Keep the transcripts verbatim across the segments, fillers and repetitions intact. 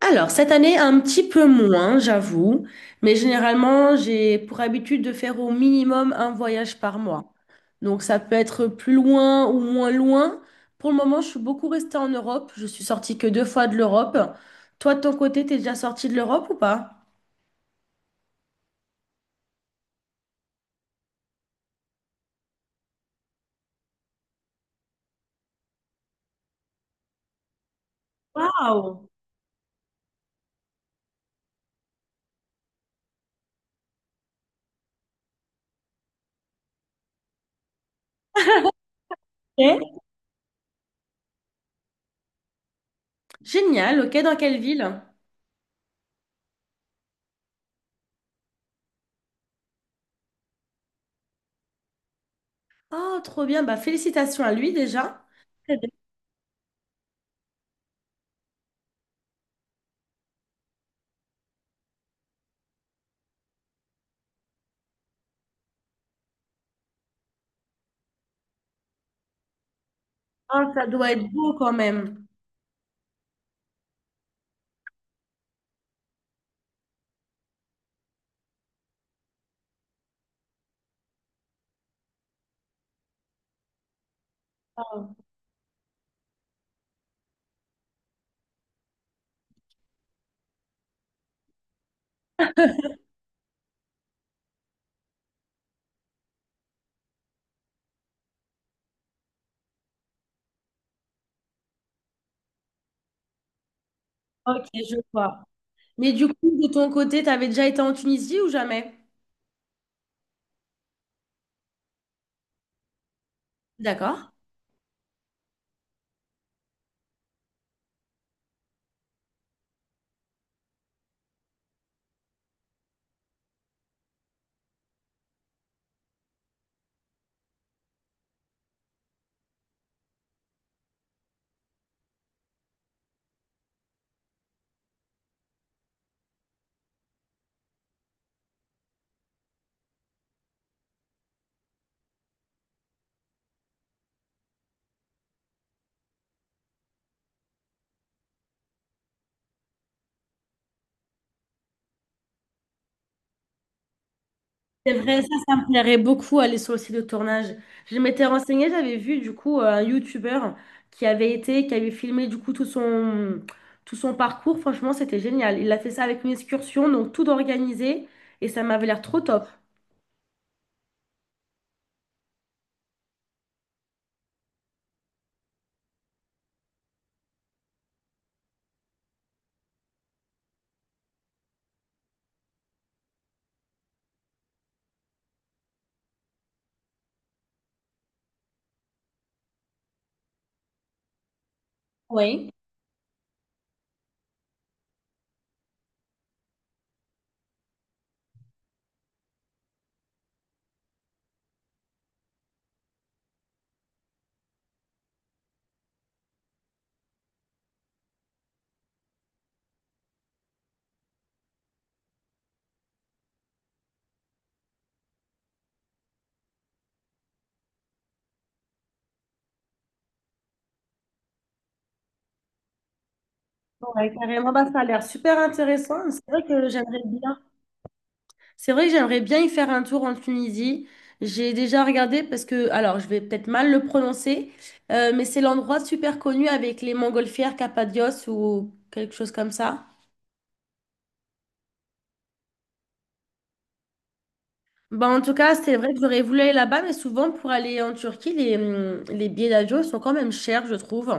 Alors, cette année, un petit peu moins, j'avoue, mais généralement, j'ai pour habitude de faire au minimum un voyage par mois. Donc, ça peut être plus loin ou moins loin. Pour le moment, je suis beaucoup restée en Europe. Je suis sortie que deux fois de l'Europe. Toi, de ton côté, t'es déjà sortie de l'Europe ou pas? Waouh! Ok. Génial, ok, dans quelle ville? Oh, trop bien, bah félicitations à lui déjà. Très bien. Ah, ça doit être beau quand même. Waouh. Ok, je vois. Mais du coup, de ton côté, t'avais déjà été en Tunisie ou jamais? D'accord. C'est vrai, ça, ça me plairait beaucoup aller sur le site de tournage. Je m'étais renseignée, j'avais vu du coup un YouTuber qui avait été, qui avait filmé du coup tout son, tout son parcours. Franchement, c'était génial. Il a fait ça avec une excursion, donc tout organisé et ça m'avait l'air trop top. Oui. Ouais, carrément, bah, ça a l'air super intéressant. C'est vrai que j'aimerais bien. C'est vrai que j'aimerais bien y faire un tour en Tunisie. J'ai déjà regardé parce que, alors je vais peut-être mal le prononcer, euh, mais c'est l'endroit super connu avec les montgolfières, Cappadoce ou quelque chose comme ça. Bah, en tout cas, c'est vrai que j'aurais voulu aller là-bas, mais souvent pour aller en Turquie, les, hum, les billets d'avion sont quand même chers, je trouve.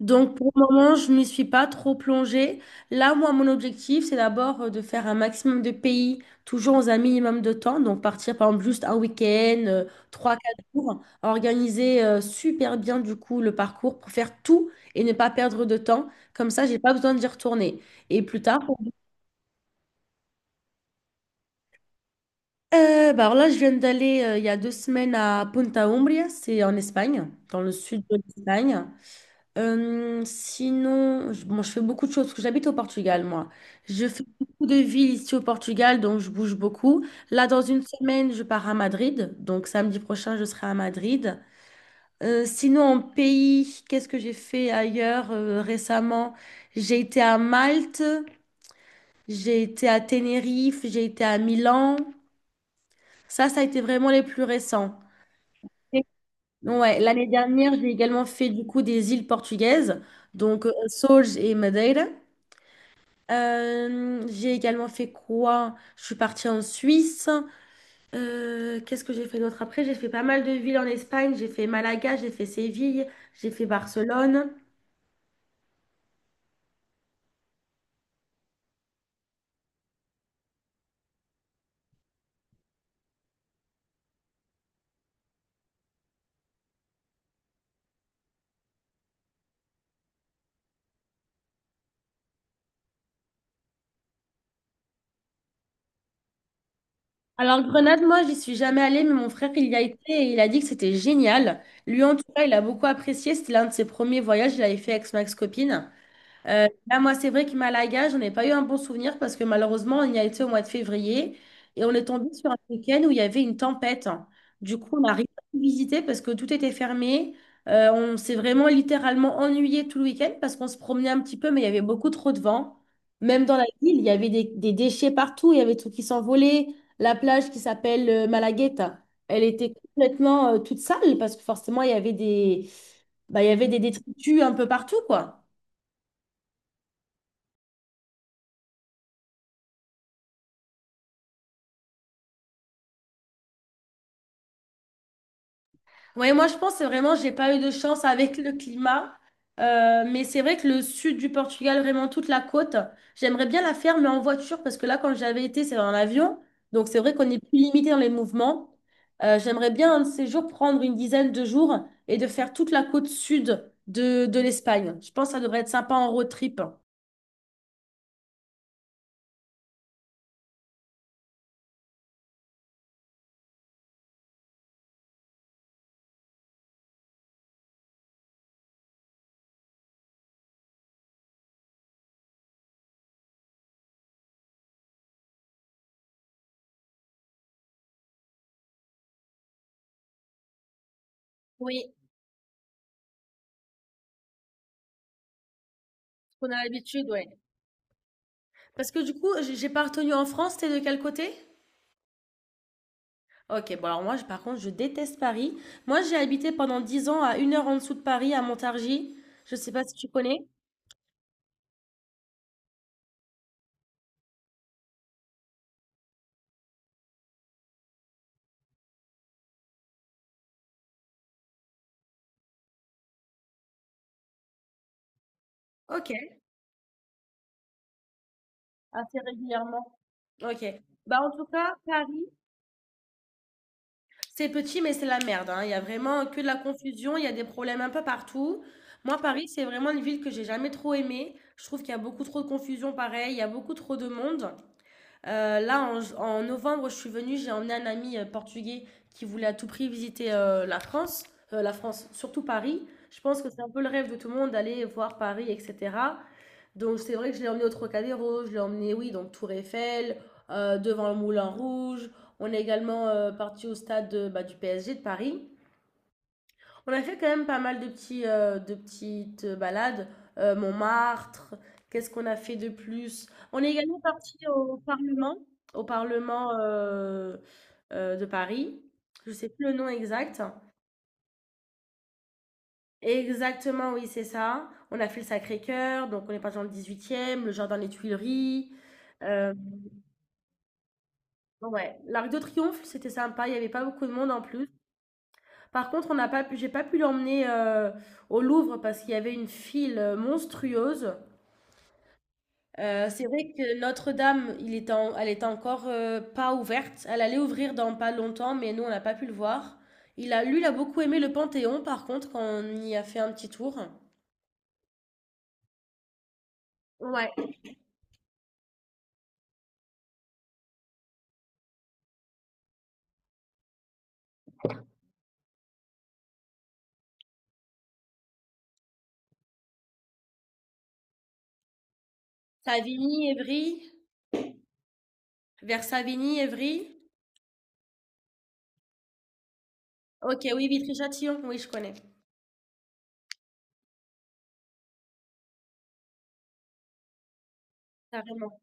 Donc, pour le moment, je ne m'y suis pas trop plongée. Là, moi, mon objectif, c'est d'abord euh, de faire un maximum de pays, toujours dans un minimum de temps. Donc, partir, par exemple, juste un week-end, euh, trois, quatre jours, organiser euh, super bien, du coup, le parcours pour faire tout et ne pas perdre de temps. Comme ça, j'ai pas besoin d'y retourner. Et plus tard, pour- Euh, bah alors là, je viens d'aller euh, il y a deux semaines à Punta Umbria, c'est en Espagne, dans le sud de l'Espagne. Euh, sinon, je, bon, je fais beaucoup de choses parce que j'habite au Portugal, moi. Je fais Mhm. beaucoup de villes ici au Portugal, donc je bouge beaucoup. Là, dans une semaine, je pars à Madrid. Donc, samedi prochain, je serai à Madrid. Euh, sinon, en pays, qu'est-ce que j'ai fait ailleurs euh, récemment? J'ai été à Malte, j'ai été à Tenerife, j'ai été à Milan. Ça, ça a été vraiment les plus récents. Ouais, l'année dernière, j'ai également fait du coup des îles portugaises, donc euh, Açores et Madeira. Euh, j'ai également fait quoi? Je suis partie en Suisse. Euh, qu'est-ce que j'ai fait d'autre après? J'ai fait pas mal de villes en Espagne. J'ai fait Malaga, j'ai fait Séville, j'ai fait Barcelone. Alors Grenade, moi, j'y suis jamais allée, mais mon frère, il y a été et il a dit que c'était génial. Lui, en tout cas, il a beaucoup apprécié. C'était l'un de ses premiers voyages. Il avait fait avec son ex-copine. Euh, là, moi, c'est vrai que Malaga, j'en ai pas eu un bon souvenir parce que malheureusement, on y a été au mois de février et on est tombé sur un week-end où il y avait une tempête. Du coup, on n'a rien pu visiter parce que tout était fermé. Euh, on s'est vraiment littéralement ennuyé tout le week-end parce qu'on se promenait un petit peu, mais il y avait beaucoup trop de vent. Même dans la ville, il y avait des, des déchets partout, il y avait des trucs qui s'envolaient. La plage qui s'appelle euh, Malagueta, elle était complètement euh, toute sale parce que forcément, il y avait des, bah, il y avait des détritus un peu partout, quoi. Oui, moi je pense que vraiment, j'ai pas eu de chance avec le climat. Euh, mais c'est vrai que le sud du Portugal, vraiment toute la côte, j'aimerais bien la faire, mais en voiture, parce que là, quand j'avais été, c'est dans l'avion. Donc c'est vrai qu'on est plus limité dans les mouvements. Euh, j'aimerais bien un de ces jours prendre une dizaine de jours et de faire toute la côte sud de, de l'Espagne. Je pense que ça devrait être sympa en road trip. Oui, parce qu'on a l'habitude, ouais. Parce que du coup, j'ai j'ai pas retenu en France, t'es de quel côté? OK, bon alors moi, je par contre, je déteste Paris. Moi, j'ai habité pendant dix ans à une heure en dessous de Paris, à Montargis. Je sais pas si tu connais? OK. Assez régulièrement. OK. Bah, en tout cas, Paris, c'est petit, mais c'est la merde, hein. Il y a vraiment que de la confusion, il y a des problèmes un peu partout. Moi, Paris, c'est vraiment une ville que j'ai jamais trop aimée. Je trouve qu'il y a beaucoup trop de confusion, pareil, il y a beaucoup trop de monde. Euh, là, en, en novembre, je suis venue, j'ai emmené un ami euh, portugais qui voulait à tout prix visiter euh, la France, euh, la France, surtout Paris. Je pense que c'est un peu le rêve de tout le monde d'aller voir Paris, et cetera. Donc c'est vrai que je l'ai emmené au Trocadéro, je l'ai emmené, oui, donc Tour Eiffel, euh, devant le Moulin Rouge. On est également euh, parti au stade de- bah, du P S G de Paris. On a fait quand même pas mal de petits, euh, de petites euh, balades. Euh, Montmartre, qu'est-ce qu'on a fait de plus? On est également parti au Parlement, au Parlement euh, euh, de Paris. Je sais plus le nom exact. Exactement, oui, c'est ça. On a fait le Sacré-Cœur, donc on est parti dans le dix-huitième, le Jardin des Tuileries. Euh, ouais, l'Arc de Triomphe, c'était sympa, il n'y avait pas beaucoup de monde en plus. Par contre, on n'a pas pu, j'ai pas pu l'emmener euh, au Louvre parce qu'il y avait une file euh, monstrueuse. Heu, c'est vrai que Notre-Dame, il était en elle était encore, heu, pas ouverte. Elle allait ouvrir dans pas longtemps, mais nous, on n'a pas pu le voir. Il a lui, il a beaucoup aimé le Panthéon, par contre, quand on y a fait un petit tour. Ouais. Savigny, Évry, vers Savigny, Évry. OK, oui, Vitry-Châtillon, oui, je connais, carrément.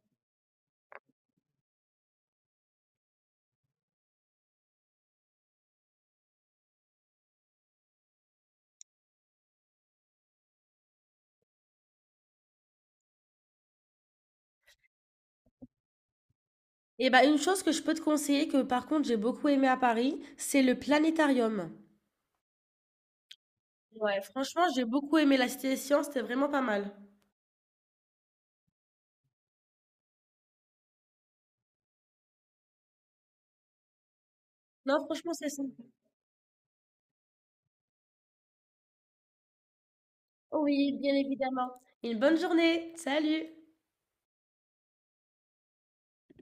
Et bah, une chose que je peux te conseiller, que par contre, j'ai beaucoup aimé à Paris, c'est le planétarium. Ouais, franchement, j'ai beaucoup aimé la Cité des sciences, c'était vraiment pas mal. Non, franchement, c'est ça. Oui, bien évidemment. Une bonne journée. Salut.